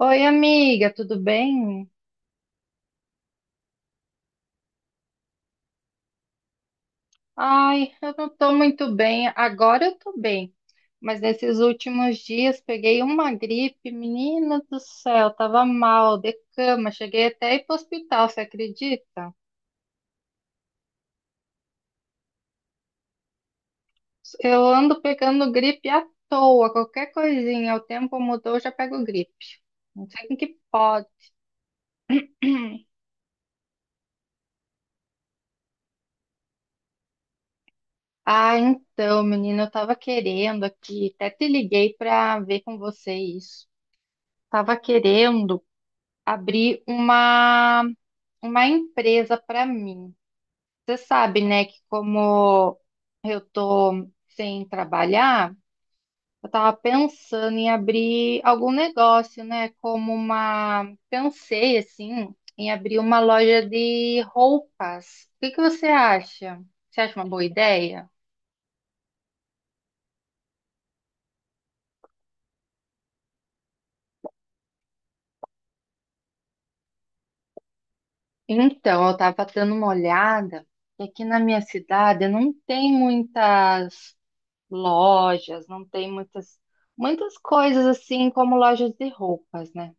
Oi, amiga, tudo bem? Ai, eu não tô muito bem. Agora eu tô bem, mas nesses últimos dias peguei uma gripe, menina do céu, tava mal, de cama, cheguei até a ir pro hospital, você acredita? Eu ando pegando gripe à toa, qualquer coisinha, o tempo mudou, eu já pego gripe. Não sei o que pode. Ah, então, menina, eu tava querendo aqui, até te liguei pra ver com você isso. Tava querendo abrir uma empresa para mim. Você sabe, né, que como eu tô sem trabalhar, eu tava pensando em abrir algum negócio, né, como uma, pensei assim, em abrir uma loja de roupas. O que que você acha? Você acha uma boa ideia? Então, eu tava dando uma olhada, e aqui na minha cidade não tem muitas lojas, não tem muitas, muitas coisas assim como lojas de roupas, né?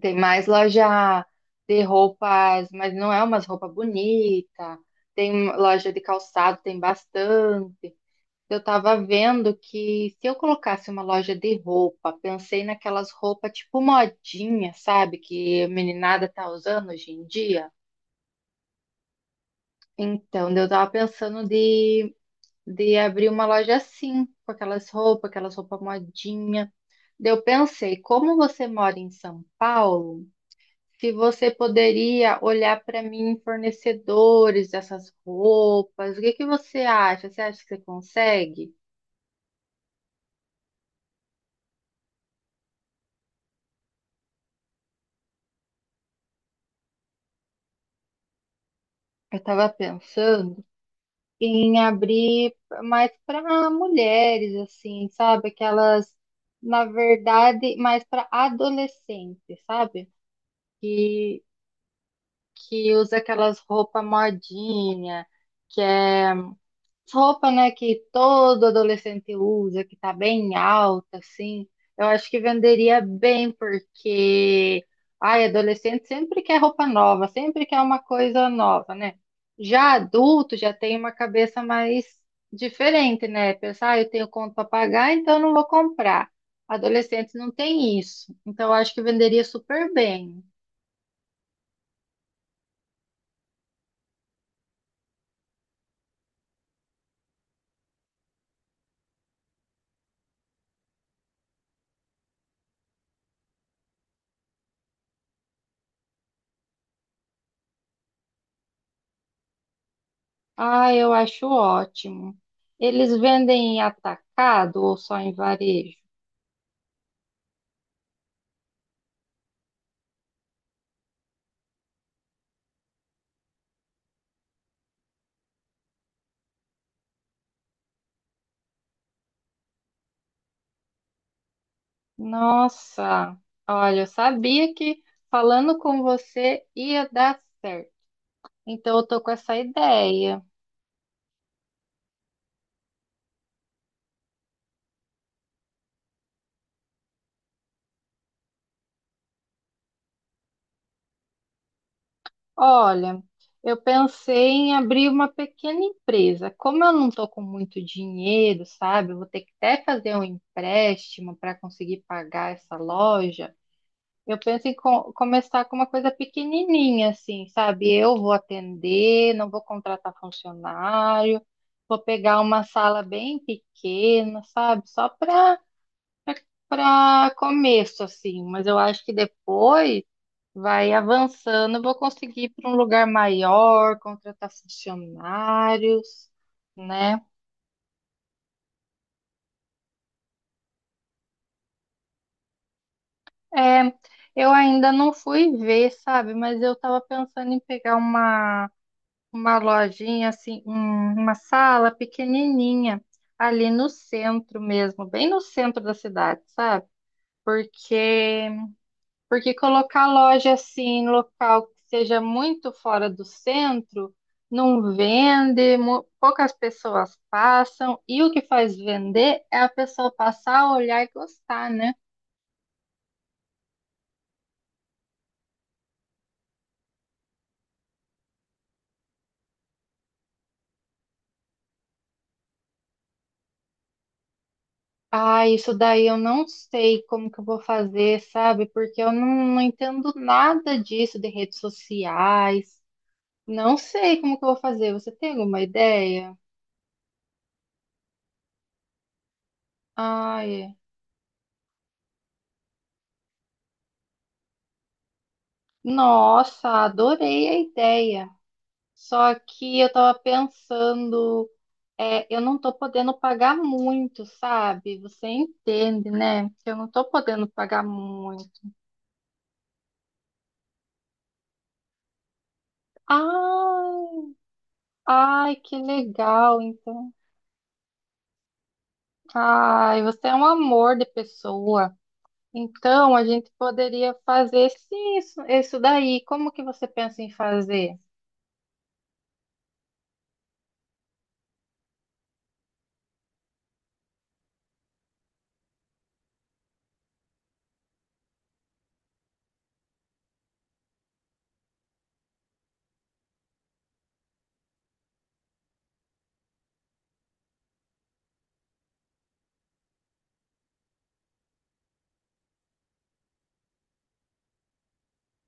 Tem mais loja de roupas, mas não é umas roupas bonitas. Tem loja de calçado, tem bastante. Eu tava vendo que se eu colocasse uma loja de roupa, pensei naquelas roupas tipo modinha, sabe? Que a meninada tá usando hoje em dia. Então, eu tava pensando de abrir uma loja assim, com aquelas roupas modinha. Eu pensei, como você mora em São Paulo, se você poderia olhar para mim fornecedores dessas roupas, o que que você acha? Você acha que você consegue? Eu estava pensando em abrir mais para mulheres, assim, sabe? Aquelas, na verdade, mais para adolescentes, sabe? Que, que usa aquelas roupas modinha, que é roupa, né, que todo adolescente usa, que tá bem alta, assim, eu acho que venderia bem, porque, ai, adolescente sempre quer roupa nova, sempre quer uma coisa nova, né? Já adulto já tem uma cabeça mais diferente, né? Pensar, ah, eu tenho conta para pagar, então não vou comprar. Adolescente não tem isso, então eu acho que venderia super bem. Ah, eu acho ótimo. Eles vendem em atacado ou só em varejo? Nossa, olha, eu sabia que falando com você ia dar certo. Então eu tô com essa ideia. Olha, eu pensei em abrir uma pequena empresa. Como eu não tô com muito dinheiro, sabe? Eu vou ter que até fazer um empréstimo para conseguir pagar essa loja. Eu penso em começar com uma coisa pequenininha, assim, sabe? Eu vou atender, não vou contratar funcionário, vou pegar uma sala bem pequena, sabe? Só para começo, assim. Mas eu acho que depois vai avançando, eu vou conseguir ir para um lugar maior, contratar funcionários, né? É, eu ainda não fui ver, sabe? Mas eu estava pensando em pegar uma lojinha assim, uma sala pequenininha ali no centro mesmo, bem no centro da cidade, sabe? Porque porque colocar loja assim em local que seja muito fora do centro não vende, poucas pessoas passam e o que faz vender é a pessoa passar, olhar e gostar, né? Ah, isso daí eu não sei como que eu vou fazer, sabe? Porque eu não, Não entendo nada disso de redes sociais. Não sei como que eu vou fazer. Você tem alguma ideia? Ai, nossa, adorei a ideia. Só que eu tava pensando, eu não tô podendo pagar muito, sabe? Você entende, né? Que eu não tô podendo pagar muito. Ah, ai, que legal, então. Ai, você é um amor de pessoa. Então, a gente poderia fazer sim, isso daí. Como que você pensa em fazer?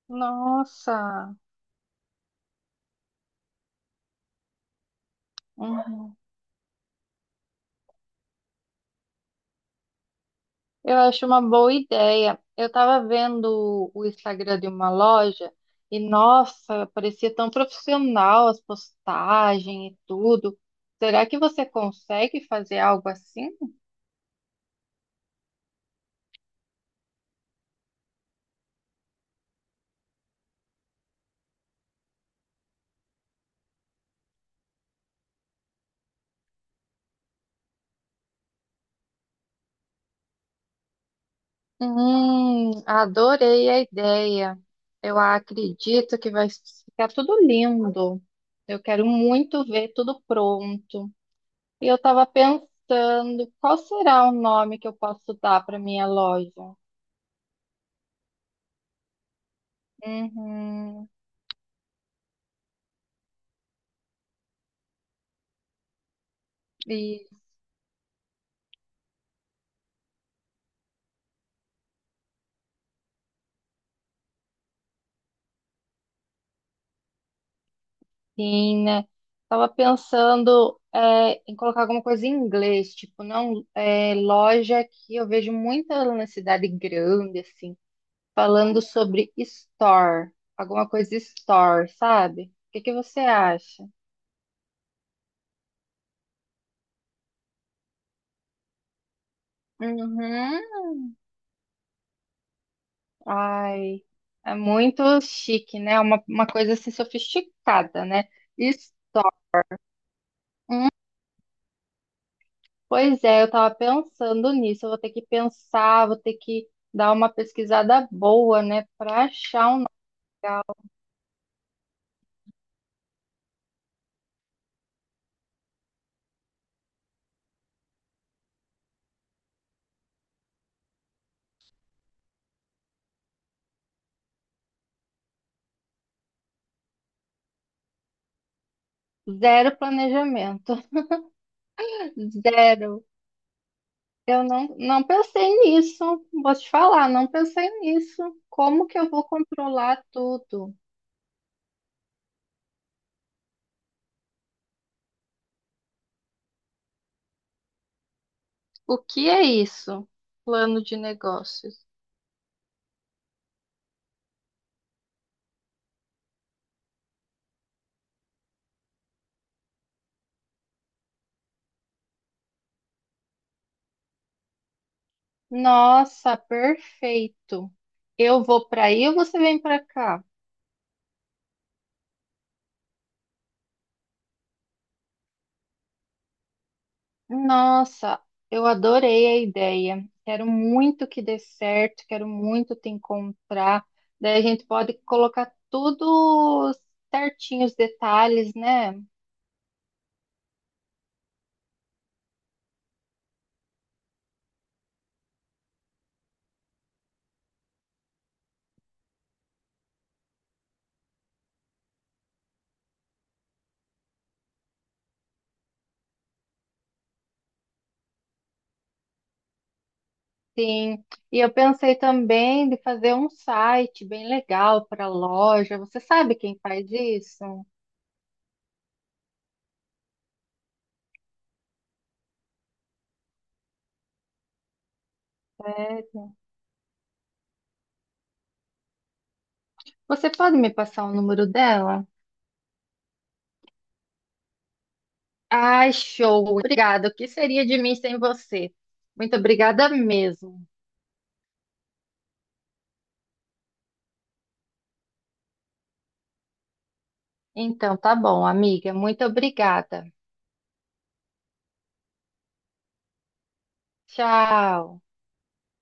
Nossa. Eu acho uma boa ideia. Eu estava vendo o Instagram de uma loja e, nossa, parecia tão profissional as postagens e tudo. Será que você consegue fazer algo assim? Adorei a ideia. Eu acredito que vai ficar tudo lindo. Eu quero muito ver tudo pronto. E eu estava pensando, qual será o nome que eu posso dar para minha loja? Uhum. Sim, né? Tava pensando em colocar alguma coisa em inglês, tipo, não, é, loja que eu vejo muita na cidade grande, assim, falando sobre store, alguma coisa store, sabe? O que que você acha? Uhum. Ai, é muito chique, né? É uma coisa assim sofisticada, né? Isso, pois é, eu tava pensando nisso. Eu vou ter que pensar, vou ter que dar uma pesquisada boa, né? Pra achar um lugar. Zero planejamento. Zero. Eu não, Não pensei nisso. Vou te falar, não pensei nisso. Como que eu vou controlar tudo? O que é isso? Plano de negócios. Nossa, perfeito. Eu vou para aí ou você vem para cá? Nossa, eu adorei a ideia. Quero muito que dê certo, quero muito te encontrar. Daí a gente pode colocar tudo certinho, os detalhes, né? Sim, e eu pensei também de fazer um site bem legal para loja. Você sabe quem faz isso? É, você pode me passar o número dela? Ai, show! Obrigada. O que seria de mim sem você? Muito obrigada mesmo. Então, tá bom, amiga. Muito obrigada. Tchau.